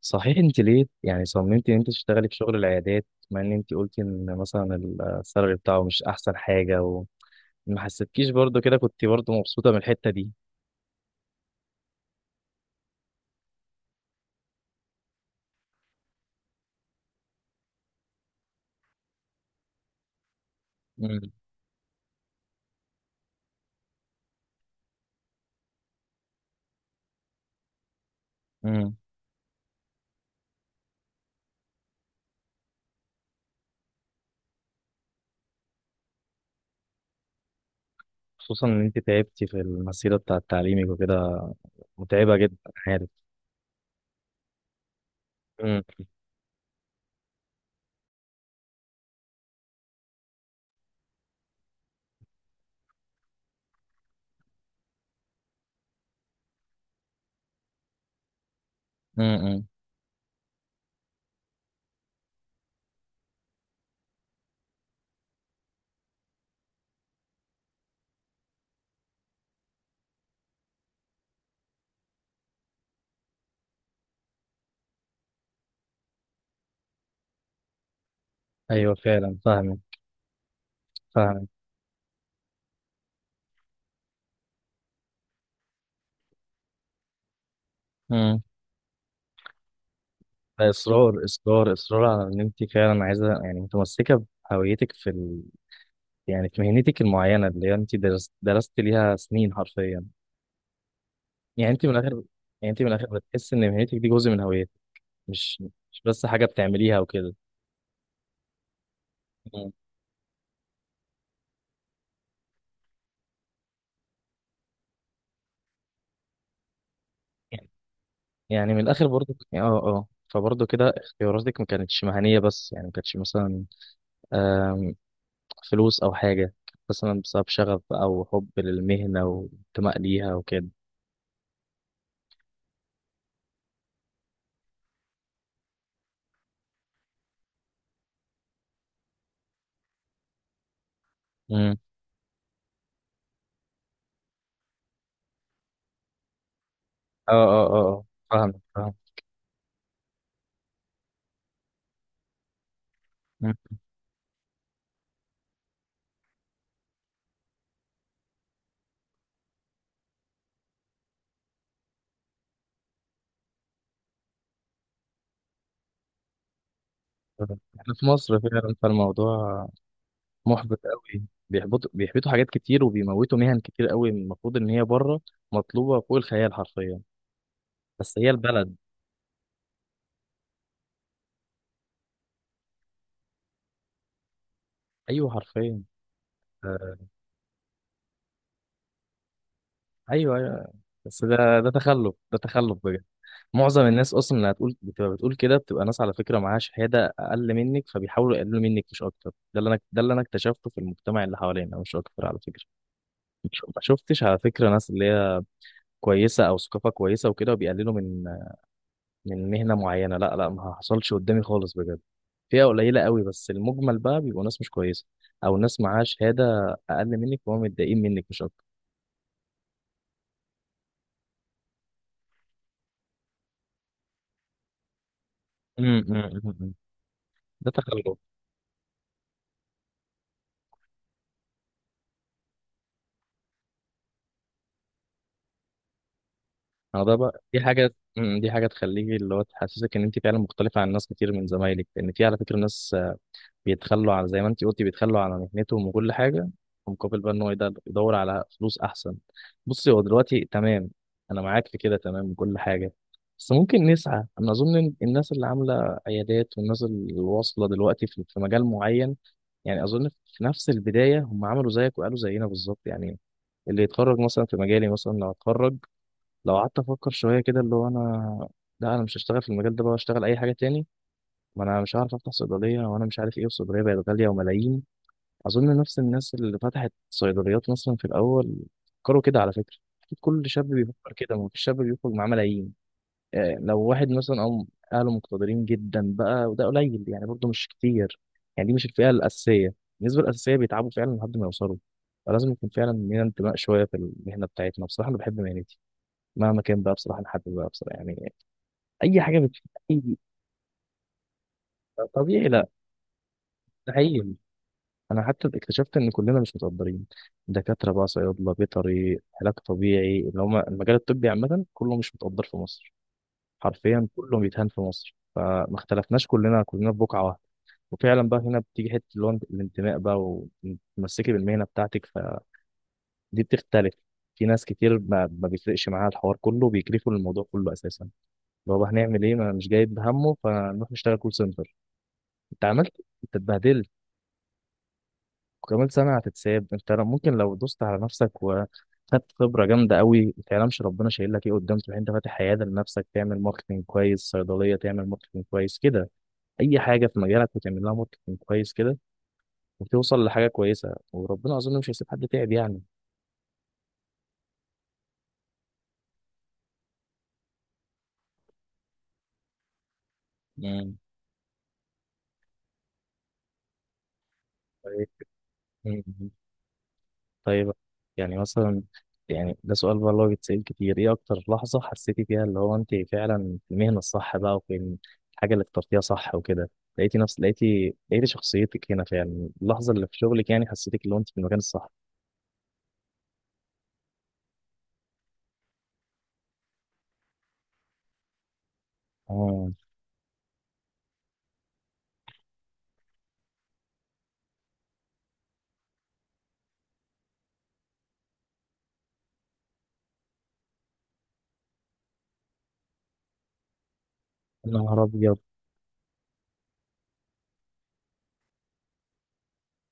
صحيح، انت ليه يعني صممتي ان انت تشتغلي في شغل العيادات، مع ان انت قلتي ان مثلا السالري بتاعه مش احسن حاجه وما حسيتكيش برضو كده، كنت برضو مبسوطه من الحته دي؟ امم. امم. خصوصا ان انت تعبتي في المسيره بتاعه تعليمك وكده، متعبه جدا، عارف. امم. امم. ايوه، فعلا فاهمك، فاهمك. امم. اصرار اصرار اصرار على ان انت فعلا عايزه، يعني متمسكه بهويتك في يعني في مهنتك المعينه اللي انت درست ليها سنين حرفيا. يعني انت من الاخر يعني انت من الاخر بتحس ان مهنتك دي جزء من هويتك، مش مش بس حاجه بتعمليها وكده. مم. يعني من الاخر برضو، اه اه، فبرضو كده اختياراتك ما كانتش مهنيه، بس يعني ما كانتش مثلا آم، فلوس او حاجه، كانت مثلا بسبب شغف او حب للمهنه وانتماء ليها وكده. امم. اه اه اه آه. فاهم، فاهم. مم. احنا في مصر فعلا، فالموضوع محبط قوي. بيحبطوا حاجات كتير وبيموتوا مهن كتير قوي، المفروض ان هي بره مطلوبه فوق الخيال حرفيا، بس هي البلد. ايوه، حرفيا. آه، ايوه ايوه. بس ده تخلف، ده تخلف بجد. معظم الناس اصلا اللي هتقول بتبقى بتقول كده، بتبقى ناس على فكره معاها شهاده اقل منك فبيحاولوا يقللوا منك مش اكتر، ده اللي انا اكتشفته في المجتمع اللي حوالينا مش اكتر على فكره. مش ما شفتش على فكره ناس اللي هي كويسه او ثقافه كويسه وكده، وبيقللوا من مهنه معينه، لا لا، ما حصلش قدامي خالص بجد. فئة قليلة قوي، بس المجمل بقى بيبقوا ناس مش كويسة، أو ناس معاها شهادة أقل منك وهم متضايقين منك مش أكتر. أمم، أمم، أمم. أمم. ده تخلف. أنا ده بقى، دي حاجة دي حاجة تخليكي اللي هو تحسسك إن أنت فعلا مختلفة عن ناس كتير من زمايلك، لأن في على فكرة ناس بيتخلوا، على زي ما انت قلتي بيتخلوا على مهنتهم وكل حاجه، مقابل بقى ان هو يدور على فلوس احسن. بصي، هو دلوقتي تمام، انا معاك في كده تمام وكل حاجه. بس ممكن نسعى. انا اظن إن الناس اللي عامله عيادات والناس اللي واصله دلوقتي في مجال معين، يعني اظن في نفس البدايه هم عملوا زيك وقالوا زينا بالظبط يعني. اللي يتخرج مثلا في مجالي مثلا، لو اتخرج، لو قعدت افكر شويه كده اللي هو انا، لا انا مش هشتغل في المجال ده، بقى اشتغل اي حاجه تاني، ما انا مش عارف افتح صيدليه، وانا مش عارف ايه، الصيدليه بقت غاليه وملايين. اظن نفس الناس اللي فتحت صيدليات مثلا في الاول فكروا كده على فكره، اكيد كل شاب بيفكر كده، ما فيش شاب بيخرج معاه ملايين. آه، لو واحد مثلا او اهله مقتدرين جدا بقى، وده قليل يعني برضه مش كتير، يعني دي مش الفئه الاساسيه، النسبه الاساسيه بيتعبوا فعلا لحد ما يوصلوا. فلازم يكون فعلا لينا انتماء شويه في المهنه بتاعتنا، بصراحه انا بحب مهنتي مهما كان بقى، بصراحه لحد بقى، بصراحه يعني اي حاجه أي- طبيعي، لا، ده حقيقي. انا حتى اكتشفت ان كلنا مش متقدرين، دكاتره بقى، صيادله، بيطري، علاج طبيعي، اللي هم المجال الطبي عامه كله مش متقدر في مصر. حرفيا كله بيتهان في مصر، فما اختلفناش، كلنا كلنا في بقعه واحده. وفعلا بقى هنا بتيجي حته اللي هو الانتماء بقى، وتمسكي بالمهنه بتاعتك، فدي بتختلف. في ناس كتير ما بيفرقش معاها الحوار كله، بيكرفوا الموضوع كله اساسا، اللي هو بقى هنعمل ايه، ما أنا مش جايب همه، فنروح نشتغل كول سنتر. انت عملت انت اتبهدلت، وكمان سنة هتتساب، ممكن لو دوست على نفسك وخدت خبرة جامدة قوي، ما تعلمش ربنا شايل لك ايه قدام، تروح انت فاتح عيادة لنفسك تعمل ماركتنج كويس، صيدلية تعمل ماركتنج كويس كده، اي حاجة في مجالك وتعمل لها ماركتنج كويس كده، وتوصل لحاجة كويسة، وربنا اظن مش هيسيب حد تعب يعني. مم. طيب. مم. طيب، يعني مثلا، يعني ده سؤال بقى اللي هو بيتسأل كتير، ايه اكتر لحظة حسيتي فيها اللي هو انت فعلا في المهنة الصح بقى وفي الحاجة اللي اخترتيها صح وكده، لقيتي نفس لقيتي لقيتي شخصيتك هنا فعلا، اللحظة اللي في شغلك يعني حسيتك اللي هو انت في المكان الصح؟ اه، يا نهار ابيض.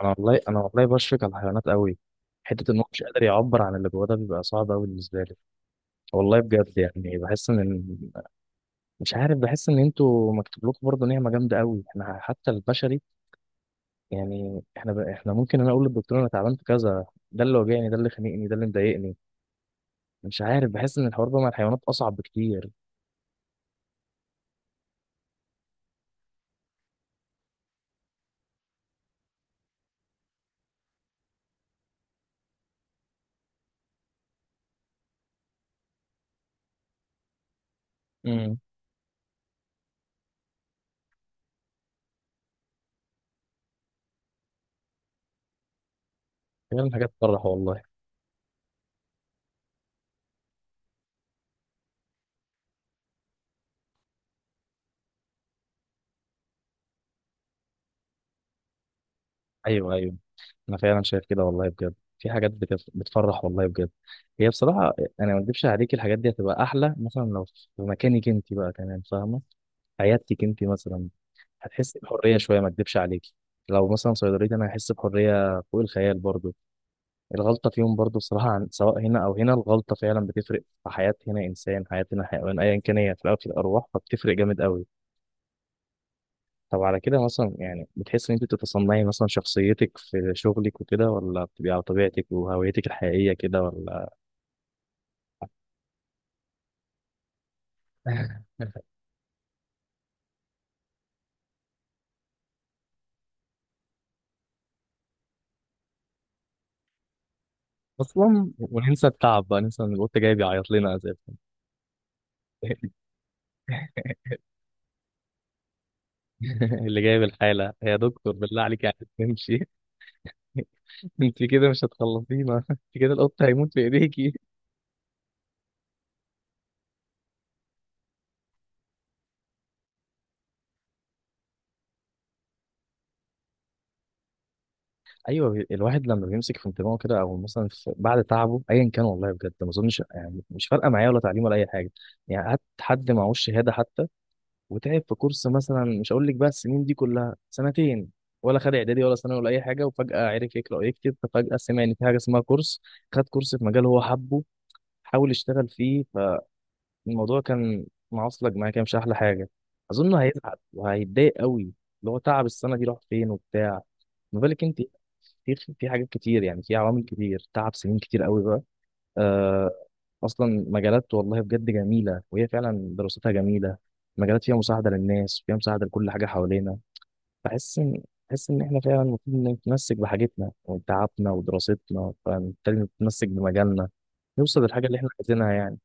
انا والله بشفق على الحيوانات قوي. حتة ان هو مش قادر يعبر عن اللي جواه ده بيبقى صعب قوي بالنسبة لي. والله بجد يعني بحس ان، مش عارف، بحس ان انتوا مكتوب لكم برضه نعمة جامدة قوي، احنا حتى البشري. يعني احنا احنا ممكن انا اقول للدكتور انا تعبان في كذا، ده اللي واجعني، ده اللي خانقني، ده اللي مضايقني. مش عارف، بحس ان الحوار ده مع الحيوانات اصعب بكتير. امم. فعلا، حاجات تفرح والله. ايوه ايوه، انا فعلا شايف كده والله بجد، في حاجات بتفرح والله بجد. هي بصراحه، انا ما اكدبش عليك، الحاجات دي هتبقى احلى مثلا لو في مكانك انت بقى كمان فاهمه، عيادتك انت مثلا، هتحسي بحريه شويه ما اكدبش عليك. لو مثلا صيدليتي انا هحس بحريه فوق الخيال برضه. الغلطة فيهم برضو الصراحة، عن سواء هنا أو هنا الغلطة فعلا بتفرق في حياة، هنا إنسان، حياة هنا حيوان، أيا كان هي في الأول في الأرواح، فبتفرق جامد قوي. طب على كده مثلا، يعني بتحس إن أنت بتتصنعي مثلا شخصيتك في شغلك وكده، ولا بتبقي على طبيعتك وهويتك الحقيقية كده، ولا؟ أصلا، وننسى التعب بقى، ننسى إن القط جاي بيعيط لنا أساسا. اللي جايب الحالة، يا دكتور بالله عليك يعني تمشي. أنت كده مش هتخلصينا. أنت كده القط هيموت في إيديكي. ايوه، الواحد لما بيمسك في انتباهه كده او مثلا في بعد تعبه ايا كان، والله بجد ما اظنش، يعني مش فارقه معايا ولا تعليم ولا اي حاجه، يعني هات حد معهوش شهاده حتى، وتعب في كورس مثلا، مش هقول لك بقى السنين دي كلها، سنتين، ولا خد اعدادي ولا ثانوي ولا اي حاجه، وفجاه عرف يقرا ويكتب، ففجاه سمع ان في حاجه اسمها كورس، خد كورس في مجال هو حبه، حاول يشتغل فيه، الموضوع كان معصلج معايا كده، مش احلى حاجه، اظن هيزعل وهيتضايق قوي، اللي هو تعب السنه دي راح فين وبتاع، ما بالك انت. في حاجات كتير، يعني في عوامل كتير، تعب سنين كتير قوي بقى آه. اصلا مجالات والله بجد جميله، وهي فعلا دراستها جميله، مجالات فيها مساعده للناس وفيها مساعده لكل حاجه حوالينا. بحس ان بحس ان احنا فعلا المفروض نتمسك بحاجتنا وتعبنا ودراستنا، فبالتالي نتمسك بمجالنا، نوصل للحاجه اللي احنا عايزينها يعني.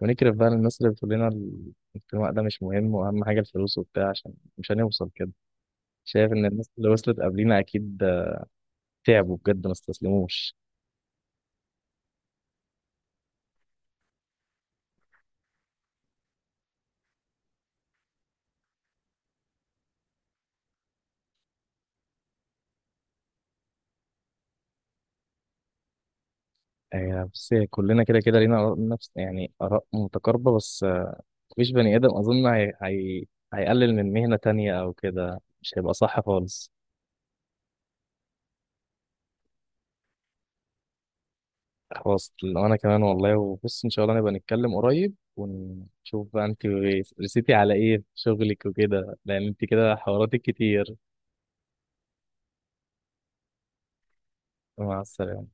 ونكرف بقى الناس اللي بتقول لنا الانتماء ده مش مهم واهم حاجه الفلوس وبتاع، عشان مش هنوصل كده. شايف ان الناس اللي وصلت قبلينا اكيد تعبوا بجد ما استسلموش. آه، بس كلنا كده كده لينا آراء نفس يعني آراء متقاربة بس، مفيش بني آدم أظن هيقلل من مهنة تانية أو كده، مش هيبقى صح خالص. خلاص، أنا كمان والله. وبص إن شاء الله نبقى نتكلم قريب ونشوف بقى أنت رسيتي على إيه في شغلك وكده، لأن أنت كده حواراتك كتير. مع السلامة.